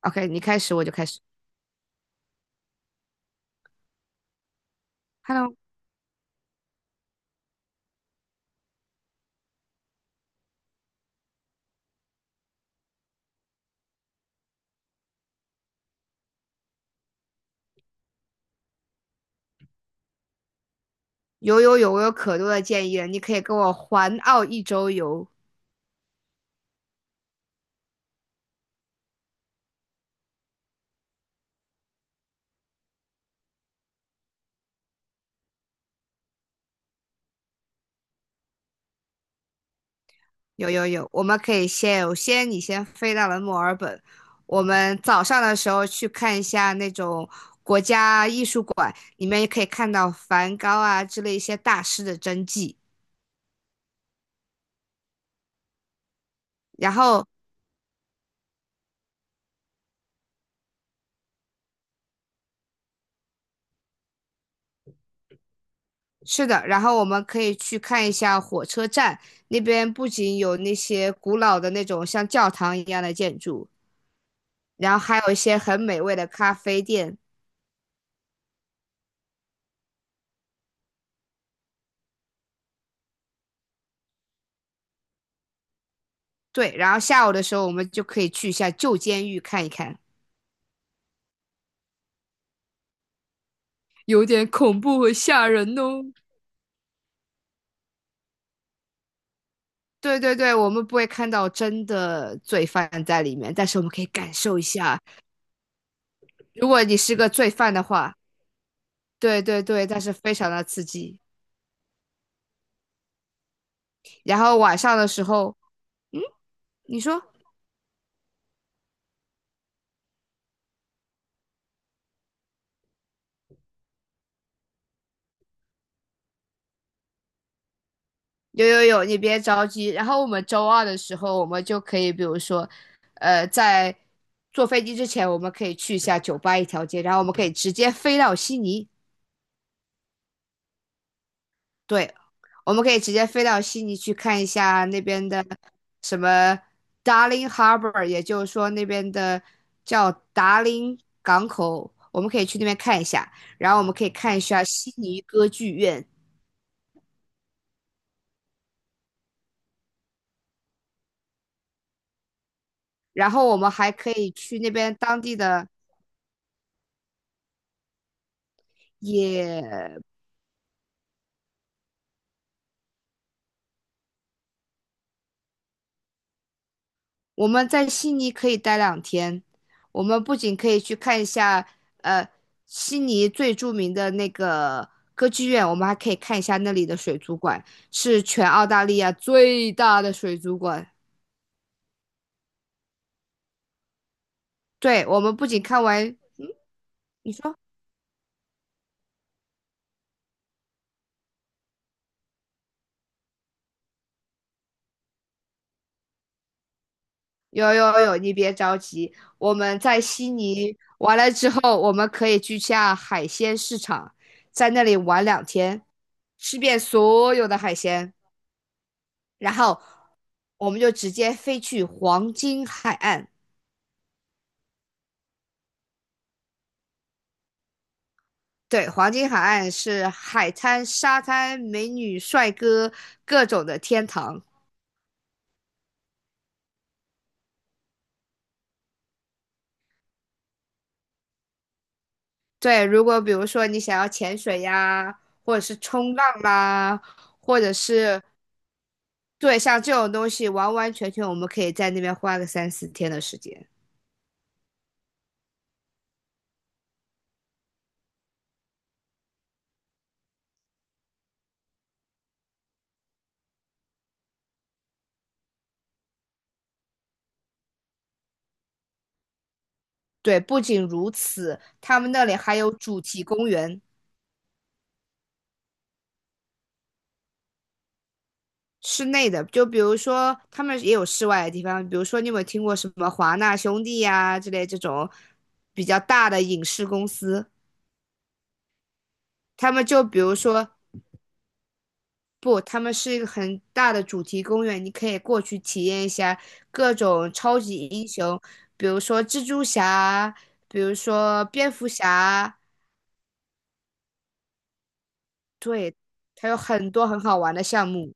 OK，你开始我就开始。Hello，有有有，我有可多的建议了，你可以跟我环澳一周游。有有有，我们可以先有先你先飞到了墨尔本，我们早上的时候去看一下那种国家艺术馆，里面也可以看到梵高啊之类一些大师的真迹。然后是的，然后我们可以去看一下火车站，那边不仅有那些古老的那种像教堂一样的建筑，然后还有一些很美味的咖啡店。对，然后下午的时候我们就可以去一下旧监狱看一看。有点恐怖和吓人哦。对对对，我们不会看到真的罪犯在里面，但是我们可以感受一下，如果你是个罪犯的话，对对对，但是非常的刺激。然后晚上的时候，嗯，你说有有有，你别着急。然后我们周二的时候，我们就可以，比如说，在坐飞机之前，我们可以去一下酒吧一条街，然后我们可以直接飞到悉尼。对，我们可以直接飞到悉尼去看一下那边的什么 Darling Harbour,也就是说那边的叫达林港口，我们可以去那边看一下。然后我们可以看一下悉尼歌剧院，然后我们还可以去那边当地的野我们在悉尼可以待两天，我们不仅可以去看一下，呃，悉尼最著名的那个歌剧院，我们还可以看一下那里的水族馆，是全澳大利亚最大的水族馆。对，我们不仅看完，你说有有有，你别着急，我们在悉尼完了之后，我们可以去下海鲜市场，在那里玩两天，吃遍所有的海鲜。然后我们就直接飞去黄金海岸。对，黄金海岸是海滩、沙滩、美女、帅哥各种的天堂。对，如果比如说你想要潜水呀，或者是冲浪啦，或者是对像这种东西，完完全全我们可以在那边花个3、4天的时间。对，不仅如此，他们那里还有主题公园。室内的，就比如说他们也有室外的地方，比如说你有没有听过什么华纳兄弟呀、之类这种比较大的影视公司，他们就比如说不，他们是一个很大的主题公园，你可以过去体验一下各种超级英雄，比如说蜘蛛侠，比如说蝙蝠侠，对，它有很多很好玩的项目，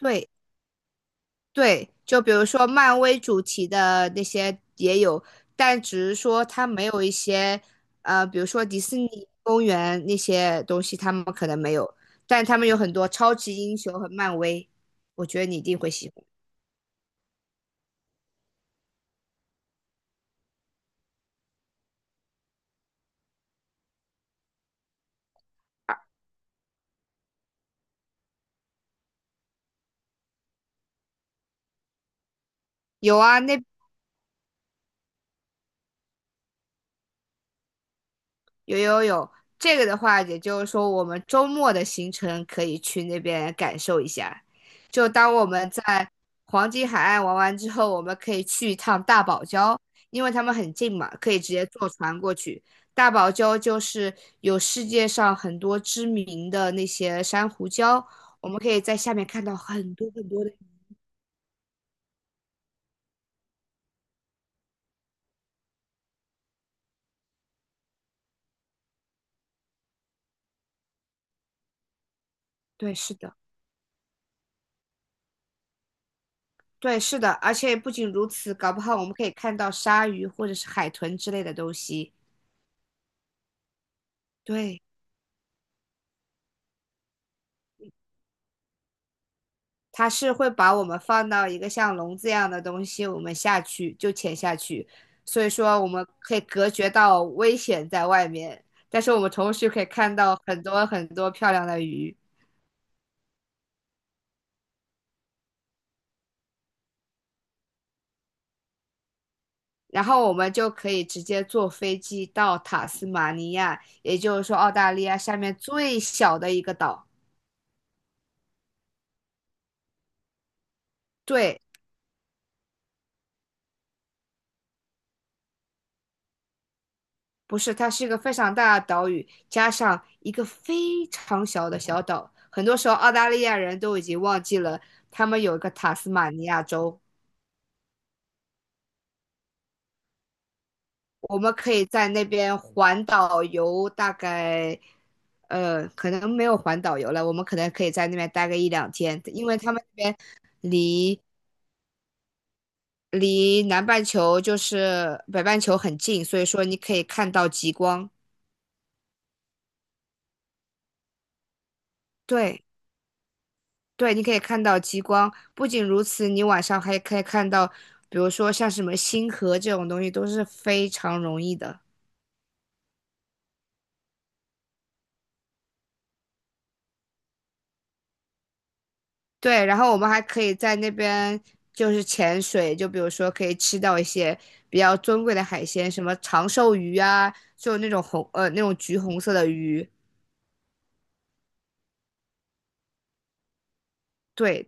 对。对，就比如说漫威主题的那些也有，但只是说它没有一些，比如说迪士尼公园那些东西，他们可能没有，但他们有很多超级英雄和漫威，我觉得你一定会喜欢。有啊，那有有有，这个的话，也就是说我们周末的行程可以去那边感受一下。就当我们在黄金海岸玩完之后，我们可以去一趟大堡礁，因为他们很近嘛，可以直接坐船过去。大堡礁就是有世界上很多知名的那些珊瑚礁，我们可以在下面看到很多很多的。对，是的，对，是的，而且不仅如此，搞不好我们可以看到鲨鱼或者是海豚之类的东西。对。它是会把我们放到一个像笼子一样的东西，我们下去就潜下去，所以说我们可以隔绝到危险在外面，但是我们同时可以看到很多很多漂亮的鱼，然后我们就可以直接坐飞机到塔斯马尼亚，也就是说澳大利亚下面最小的一个岛。对，不是，它是一个非常大的岛屿，加上一个非常小的小岛。很多时候，澳大利亚人都已经忘记了他们有一个塔斯马尼亚州。我们可以在那边环岛游，大概可能没有环岛游了，我们可能可以在那边待个1、2天，因为他们那边离离南半球就是北半球很近，所以说你可以看到极光。对。对，你可以看到极光。不仅如此，你晚上还可以看到，比如说像什么星河这种东西，都是非常容易的。对，然后我们还可以在那边就是潜水，就比如说可以吃到一些比较尊贵的海鲜，什么长寿鱼啊，就那种橘红色的鱼。对，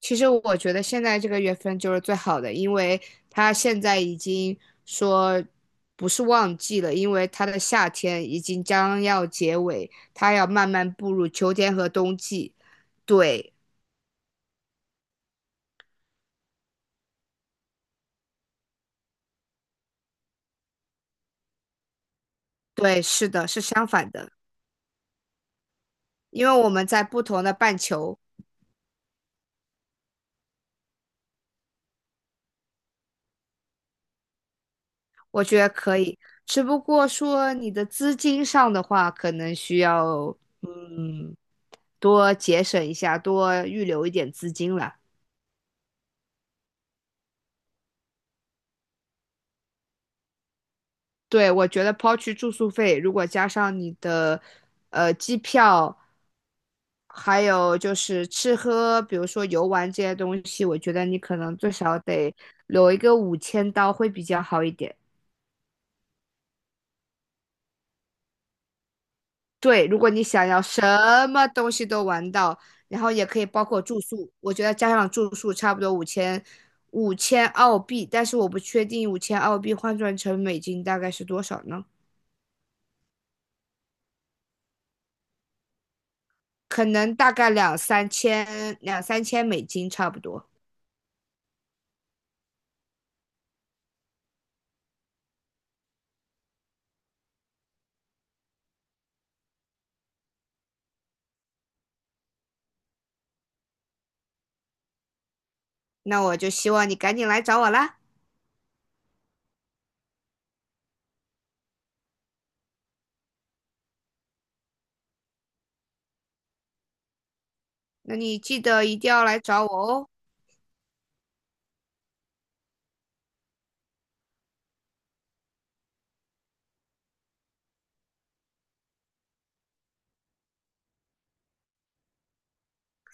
其实我觉得现在这个月份就是最好的，因为它现在已经说不是旺季了，因为它的夏天已经将要结尾，它要慢慢步入秋天和冬季。对，对，是的，是相反的，因为我们在不同的半球，我觉得可以。只不过说你的资金上的话，可能需要嗯多节省一下，多预留一点资金了。对，我觉得抛去住宿费，如果加上你的机票，还有就是吃喝，比如说游玩这些东西，我觉得你可能最少得留一个5000刀会比较好一点。对，如果你想要什么东西都玩到，然后也可以包括住宿，我觉得加上住宿差不多五千澳币，但是我不确定五千澳币换算成美金大概是多少呢？可能大概两三千美金差不多。那我就希望你赶紧来找我啦。那你记得一定要来找我哦。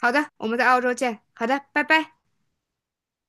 好的，我们在澳洲见。好的，拜拜。